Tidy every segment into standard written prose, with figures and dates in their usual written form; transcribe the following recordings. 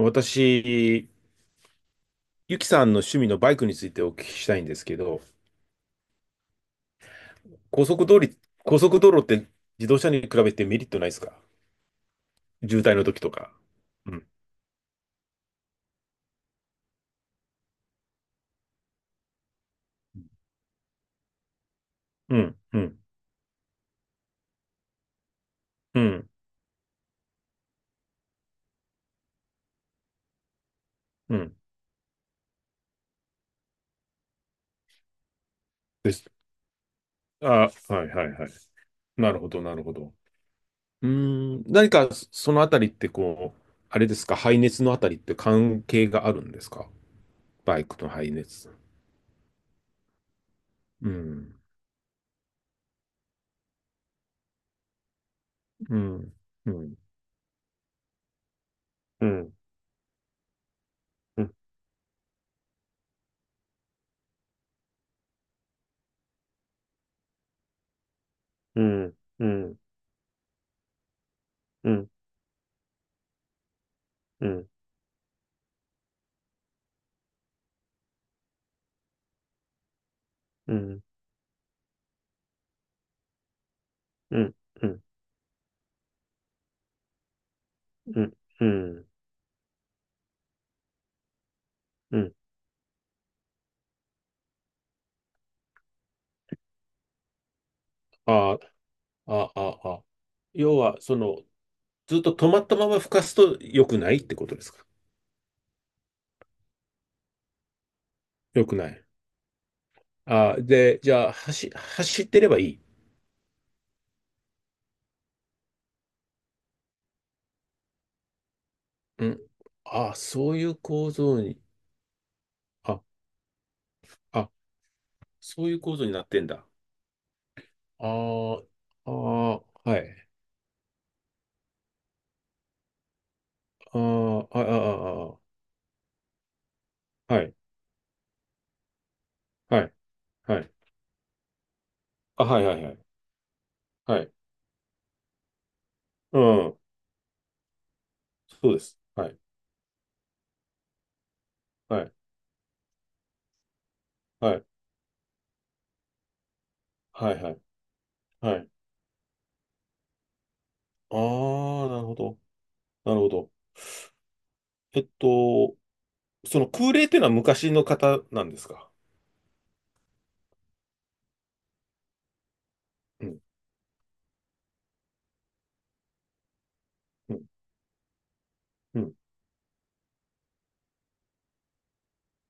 私、ゆきさんの趣味のバイクについてお聞きしたいんですけど、高速道路、高速道路って自動車に比べてメリットないですか？渋滞の時とか。うん、うん、うん、うん、うん。です。あ、はい、はい、はい。なるほど、なるほど。そのあたりってこう、あれですか、排熱のあたりって関係があるんですか？バイクの排熱。うん、うん、うん、うん、うん、うん、うん、うん、うん、うん、うん。うんうん、うん、うん。ああ、ああ、あ、要は、その、ずっと止まったまま吹かすと良くないってことですか？良くない。ああ、で、じゃあ、走ってればいい。うん。ああ、そういう構造に、あ、あ、そういう構造になってんだ。ああ、ああ、はい。ああ、ああ、ああ、はい、はい、はい。あ、はい、はい、はい。はい。うん。そうです。はい、はい、はい、はい、はい。はい。ああ、なるほど。なるほど。えっと、その空冷っていうのは昔の方なんですか？うん、うん、うん、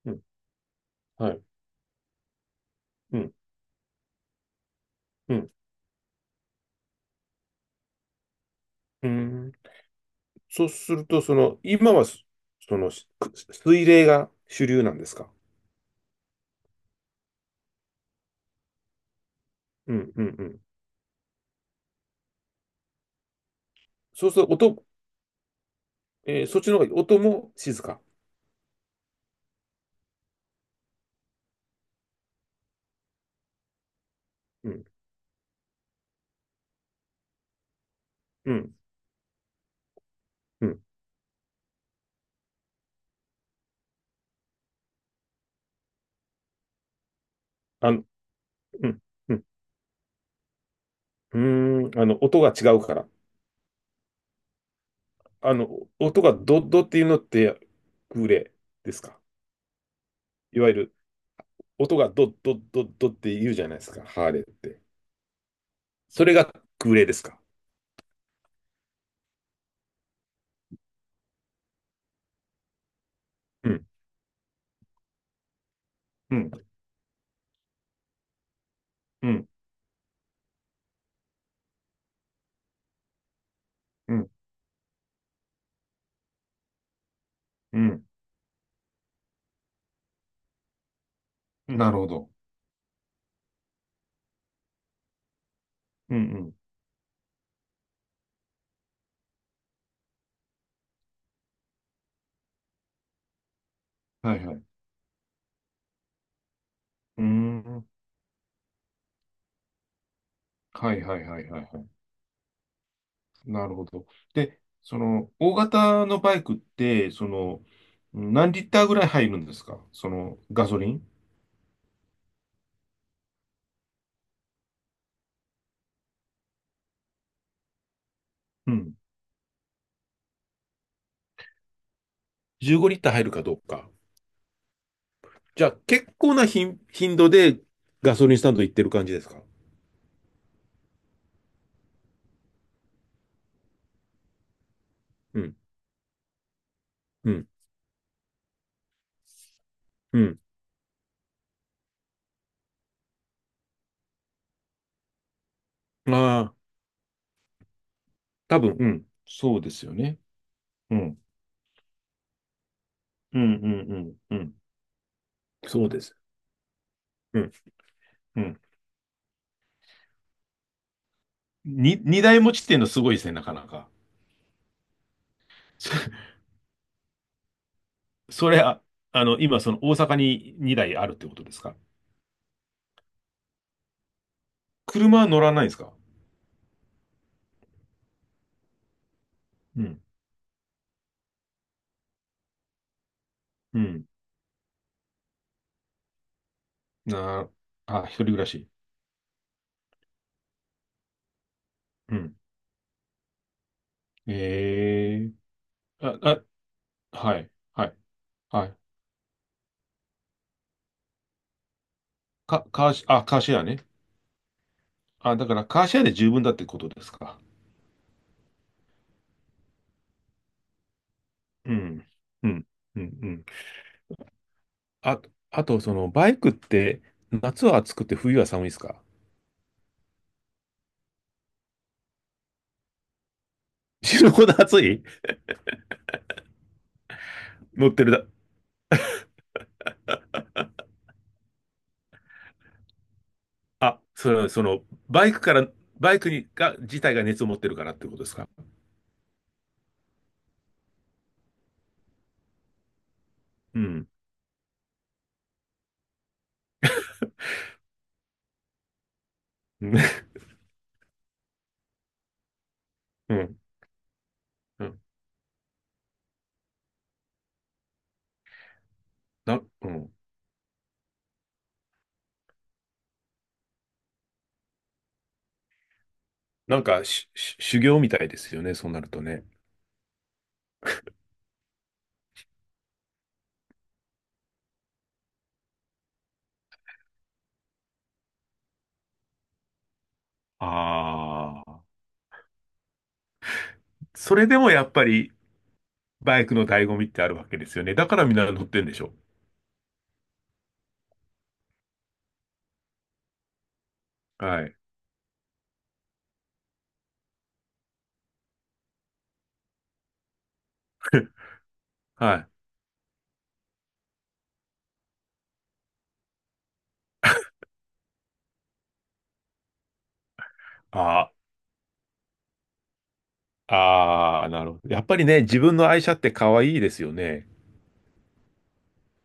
うん、はい、うん、うん、うん。そうすると、その、今はそ、その、しく水冷が主流なんですか？うん、うん、うん。そうすると、音、えーそっちの方が音も静か。うん、うん、うん。あの、うん、うん、うーん、あの、音が違うから。あの、音がドッドっていうのって、空冷ですか？いわゆる、音がドッドッドッドッって言うじゃないですか、ハーレーって。それが空冷ですか。うん、うん、うん、うん。うん、なるほど。うん、うん。はいはい。うーん。はいはいはいはいはい。なるほど。で、その、大型のバイクって、その、何リッターぐらい入るんですか？その、ガソリン。うん。15リッター入るかどうか。じゃあ結構な頻度でガソリンスタンド行ってる感じですか。うん、うん、うん。ああ、多分、うん。そうですよね。うん。うんうんうんうん。そうです。うん。うん。に二台持ちっていうのすごいですね、なかなか。そそれ、あ、あの、今、その大阪に二台あるってことですか？車は乗らないですか？うん。うん。なあ、あ、一人暮らし。うん。ええ、あ、あ、はい、はい、はい。か、カーシ、あ、カーシェアね。あ、だからカーシェアで十分だってことですか。うん、うん、うん、うん。あ、あと、その、バイクって、夏は暑くて冬は寒いですか？死ぬほど 暑い。乗ってるだ、あ、それはその、バイクから、バイクにが、自体が熱を持ってるからってことですか。うん。ね。うん。うん、な、うん。し修行みたいですよね、そうなるとね。ああ。それでもやっぱり、バイクの醍醐味ってあるわけですよね。だからみんな乗ってんでしょ。はい。はい。ああ、ああ、なるほど。やっぱりね、自分の愛車って可愛いですよね。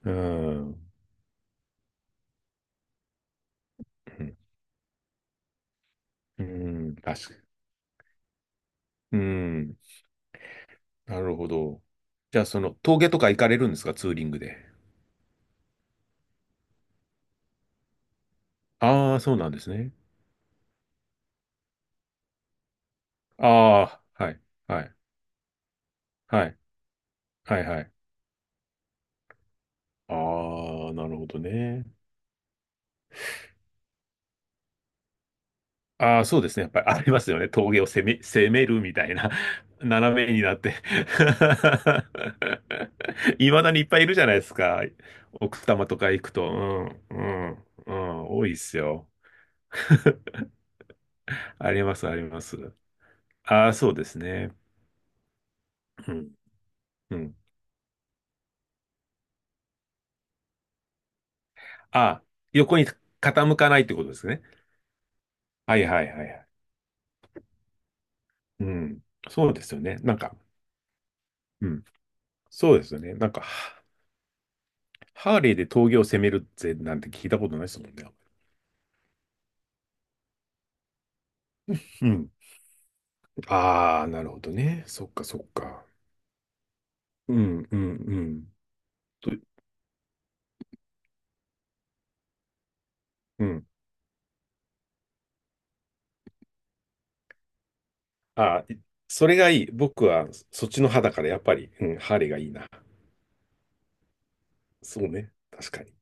うん。うん。うん、確かに。うん。なるほど。じゃあ、その、峠とか行かれるんですか、ツーリングで。ああ、そうなんですね。ああ、はい、はい、はい、はい、はい。ああ、なるほどね。ああ、そうですね。やっぱりありますよね。峠を攻めるみたいな、斜めになって。いまだにいっぱいいるじゃないですか。奥多摩とか行くと。うん、うん、うん、多いっすよ。あります、あります。ああ、そうですね。うん、うん。あ、横に傾かないってことですね。はいはいはいはい。うん。そうですよね。なんか、うん。そうですよね。なんか、ハ、ハーレーで峠を攻めるぜなんて聞いたことないですもんね。うん。ああ、なるほどね。そっかそっか。うんうんうん。と、うん。あー、い、それがいい。僕はそっちの派だからやっぱり、うん、ハーレーがいいな。そうね。確かに。